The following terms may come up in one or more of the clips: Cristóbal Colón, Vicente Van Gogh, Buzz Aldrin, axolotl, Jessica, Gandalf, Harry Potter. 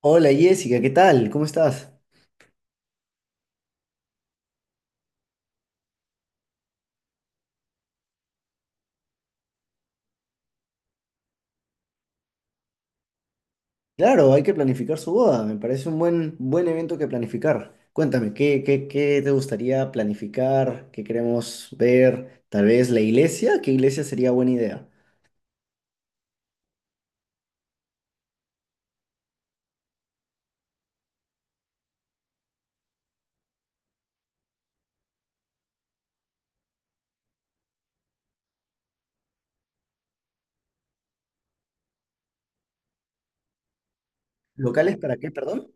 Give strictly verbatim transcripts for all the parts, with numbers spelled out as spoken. Hola Jessica, ¿qué tal? ¿Cómo estás? Claro, hay que planificar su boda, me parece un buen, buen evento que planificar. Cuéntame, ¿qué, qué, qué te gustaría planificar? ¿Qué queremos ver? Tal vez la iglesia, ¿qué iglesia sería buena idea? ¿Locales para qué, perdón?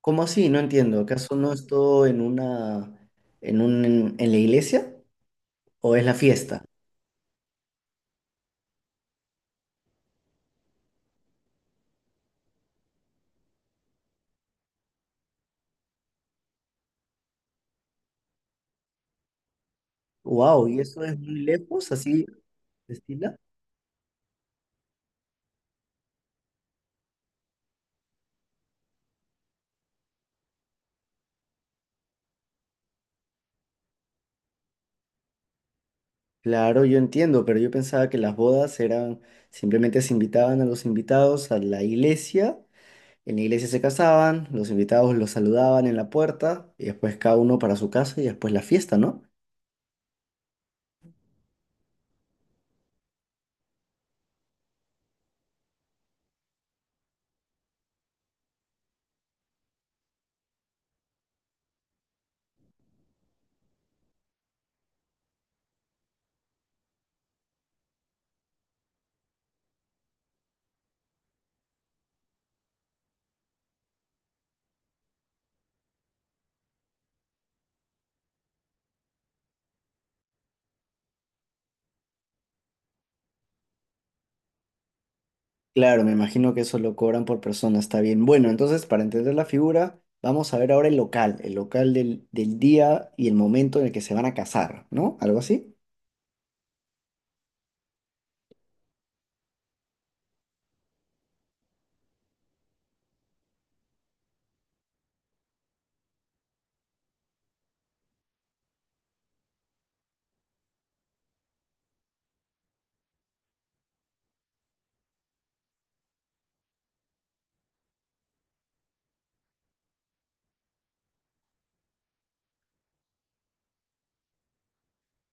¿Cómo así? No entiendo. ¿Acaso no es todo en una, en un, en, en la iglesia? ¿O es la fiesta? Wow, ¿y eso es muy lejos, así de estilo? Claro, yo entiendo, pero yo pensaba que las bodas eran simplemente se invitaban a los invitados a la iglesia, en la iglesia se casaban, los invitados los saludaban en la puerta y después cada uno para su casa y después la fiesta, ¿no? Claro, me imagino que eso lo cobran por persona, está bien. Bueno, entonces para entender la figura, vamos a ver ahora el local, el local del, del día y el momento en el que se van a casar, ¿no? ¿Algo así?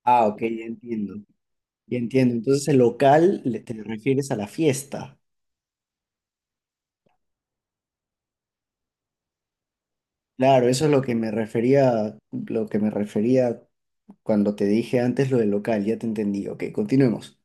Ah, ok, ya entiendo. Ya entiendo. Entonces el local le- te refieres a la fiesta. Claro, eso es lo que me refería, lo que me refería cuando te dije antes lo del local, ya te entendí. Ok, continuemos.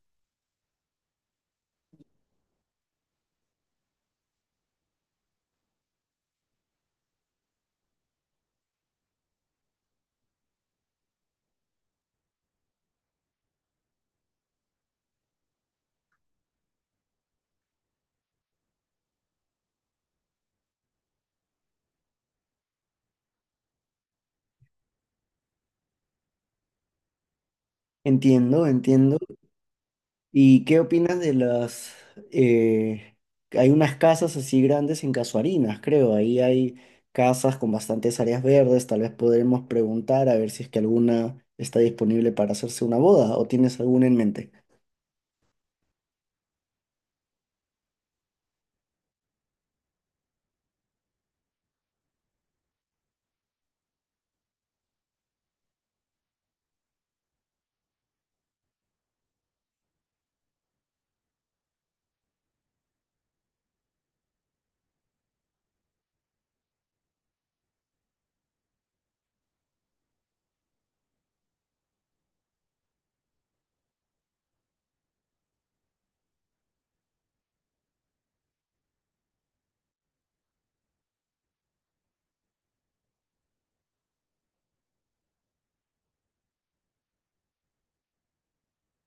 Entiendo, entiendo. ¿Y qué opinas de las... eh, hay unas casas así grandes en Casuarinas, creo. Ahí hay casas con bastantes áreas verdes. Tal vez podremos preguntar a ver si es que alguna está disponible para hacerse una boda o tienes alguna en mente.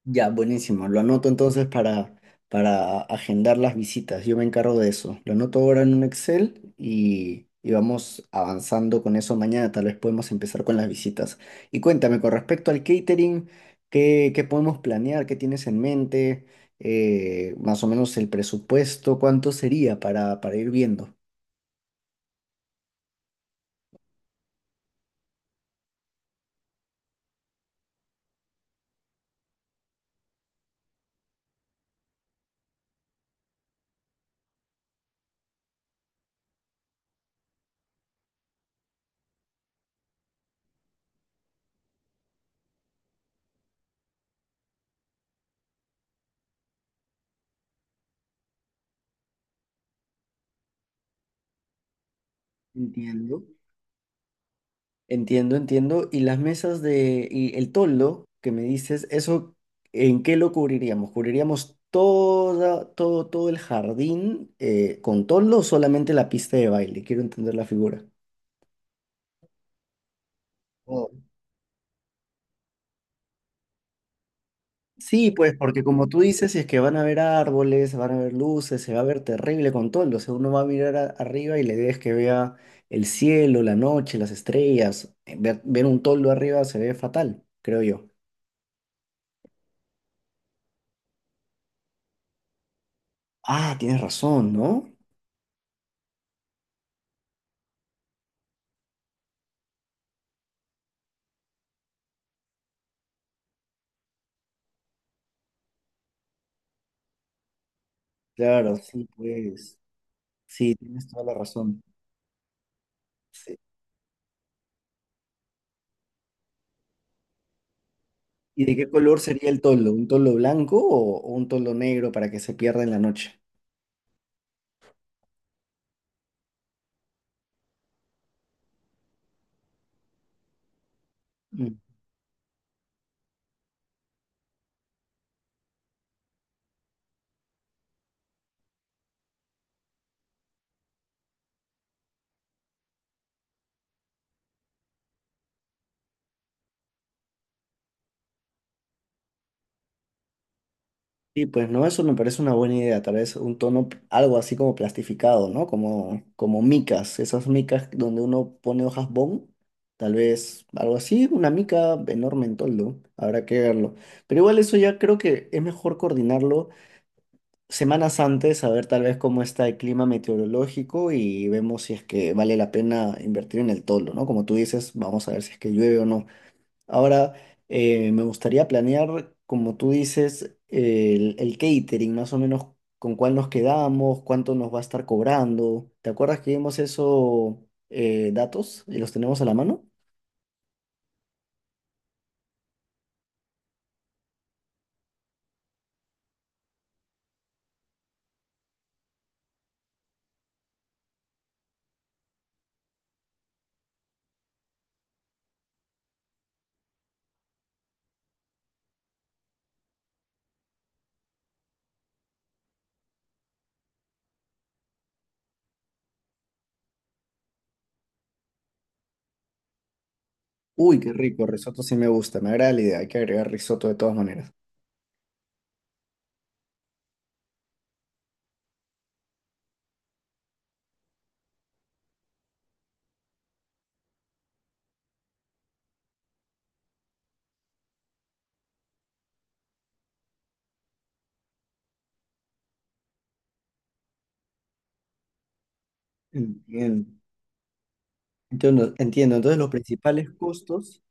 Ya, buenísimo. Lo anoto entonces para, para agendar las visitas. Yo me encargo de eso. Lo anoto ahora en un Excel y, y vamos avanzando con eso mañana. Tal vez podemos empezar con las visitas. Y cuéntame, con respecto al catering, ¿qué, qué podemos planear? ¿Qué tienes en mente? Eh, más o menos el presupuesto, ¿cuánto sería para, para ir viendo? Entiendo. Entiendo, entiendo. Y las mesas de, y el toldo que me dices, ¿eso en qué lo cubriríamos? ¿Cubriríamos toda, todo, todo el jardín eh, con toldo o solamente la pista de baile? Quiero entender la figura. Oh. Sí, pues porque como tú dices, si es que van a haber árboles, van a haber luces, se va a ver terrible con toldo. O sea, uno va a mirar a- arriba y la idea es que vea el cielo, la noche, las estrellas. Eh, Ver, ver un toldo arriba se ve fatal, creo yo. Ah, tienes razón, ¿no? Claro, sí, pues. Sí, tienes toda la razón. Sí. ¿Y de qué color sería el toldo? ¿Un toldo blanco o, o un toldo negro para que se pierda en la noche? Mm. Sí, pues no, eso me parece una buena idea. Tal vez un tono, p- algo así como plastificado, ¿no? Como, como micas, esas micas donde uno pone hojas bond. Tal vez algo así, una mica enorme en toldo. Habrá que verlo. Pero igual eso ya creo que es mejor coordinarlo. Semanas antes a ver tal vez cómo está el clima meteorológico y vemos si es que vale la pena invertir en el toldo, ¿no? Como tú dices, vamos a ver si es que llueve o no. Ahora, eh, me gustaría planear, como tú dices, el, el catering, más o menos con cuál nos quedamos, cuánto nos va a estar cobrando. ¿Te acuerdas que vimos eso, eh, datos y los tenemos a la mano? Uy, qué rico, risotto sí me gusta, me agrada la idea, hay que agregar risotto de todas maneras. Entiendo. Entiendo, entiendo. Entonces los principales costos.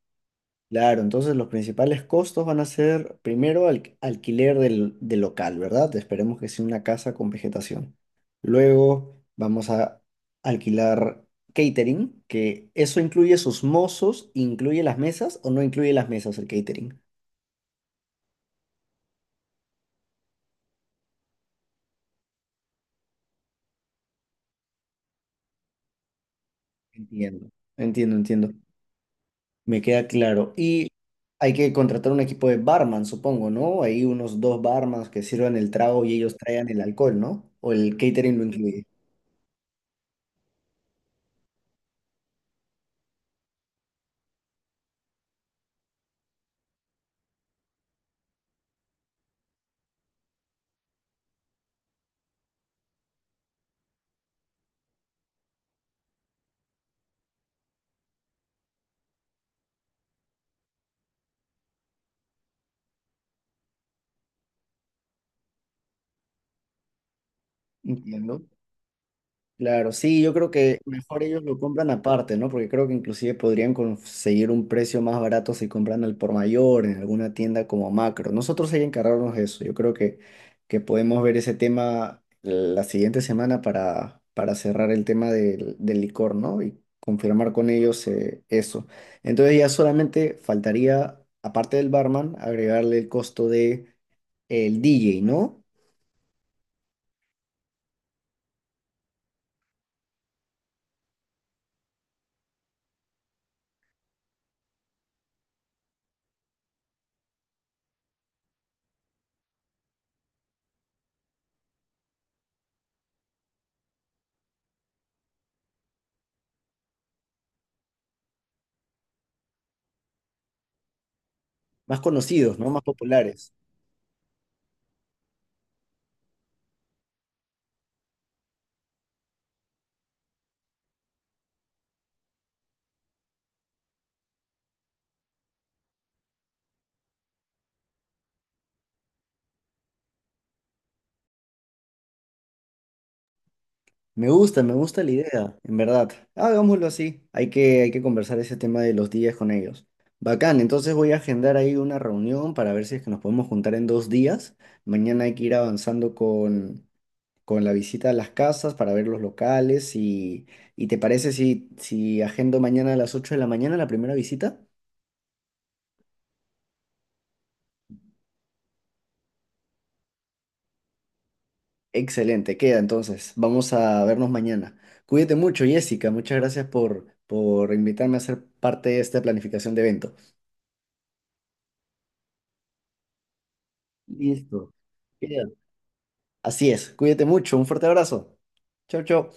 Claro, entonces los principales costos van a ser primero al- alquiler del, del local, ¿verdad? Esperemos que sea una casa con vegetación. Luego vamos a alquilar catering, que eso incluye sus mozos, incluye las mesas o no incluye las mesas el catering. Entiendo. Entiendo, entiendo. Me queda claro. Y hay que contratar un equipo de barman, supongo, ¿no? Hay unos dos barmans que sirvan el trago y ellos traigan el alcohol, ¿no? O el catering lo incluye. Entiendo. Claro, sí, yo creo que mejor ellos lo compran aparte, ¿no? Porque creo que inclusive podrían conseguir un precio más barato si compran al por mayor en alguna tienda como Macro. Nosotros hay que encargarnos de eso. Yo creo que, que podemos ver ese tema la siguiente semana para, para cerrar el tema del, del licor, ¿no? Y confirmar con ellos eh, eso. Entonces ya solamente faltaría, aparte del barman, agregarle el costo de el D J, ¿no? Más conocidos, ¿no? Más populares. Me gusta, me gusta la idea, en verdad. Hagámoslo así. Hay que, hay que conversar ese tema de los días con ellos. Bacán, entonces voy a agendar ahí una reunión para ver si es que nos podemos juntar en dos días. Mañana hay que ir avanzando con, con la visita a las casas para ver los locales y, y ¿te parece si, si agendo mañana a las ocho de la mañana la primera visita? Excelente, queda entonces. Vamos a vernos mañana. Cuídate mucho, Jessica. Muchas gracias por, por invitarme a ser parte de esta planificación de evento. Listo. Queda. Así es. Cuídate mucho. Un fuerte abrazo. Chau, chau.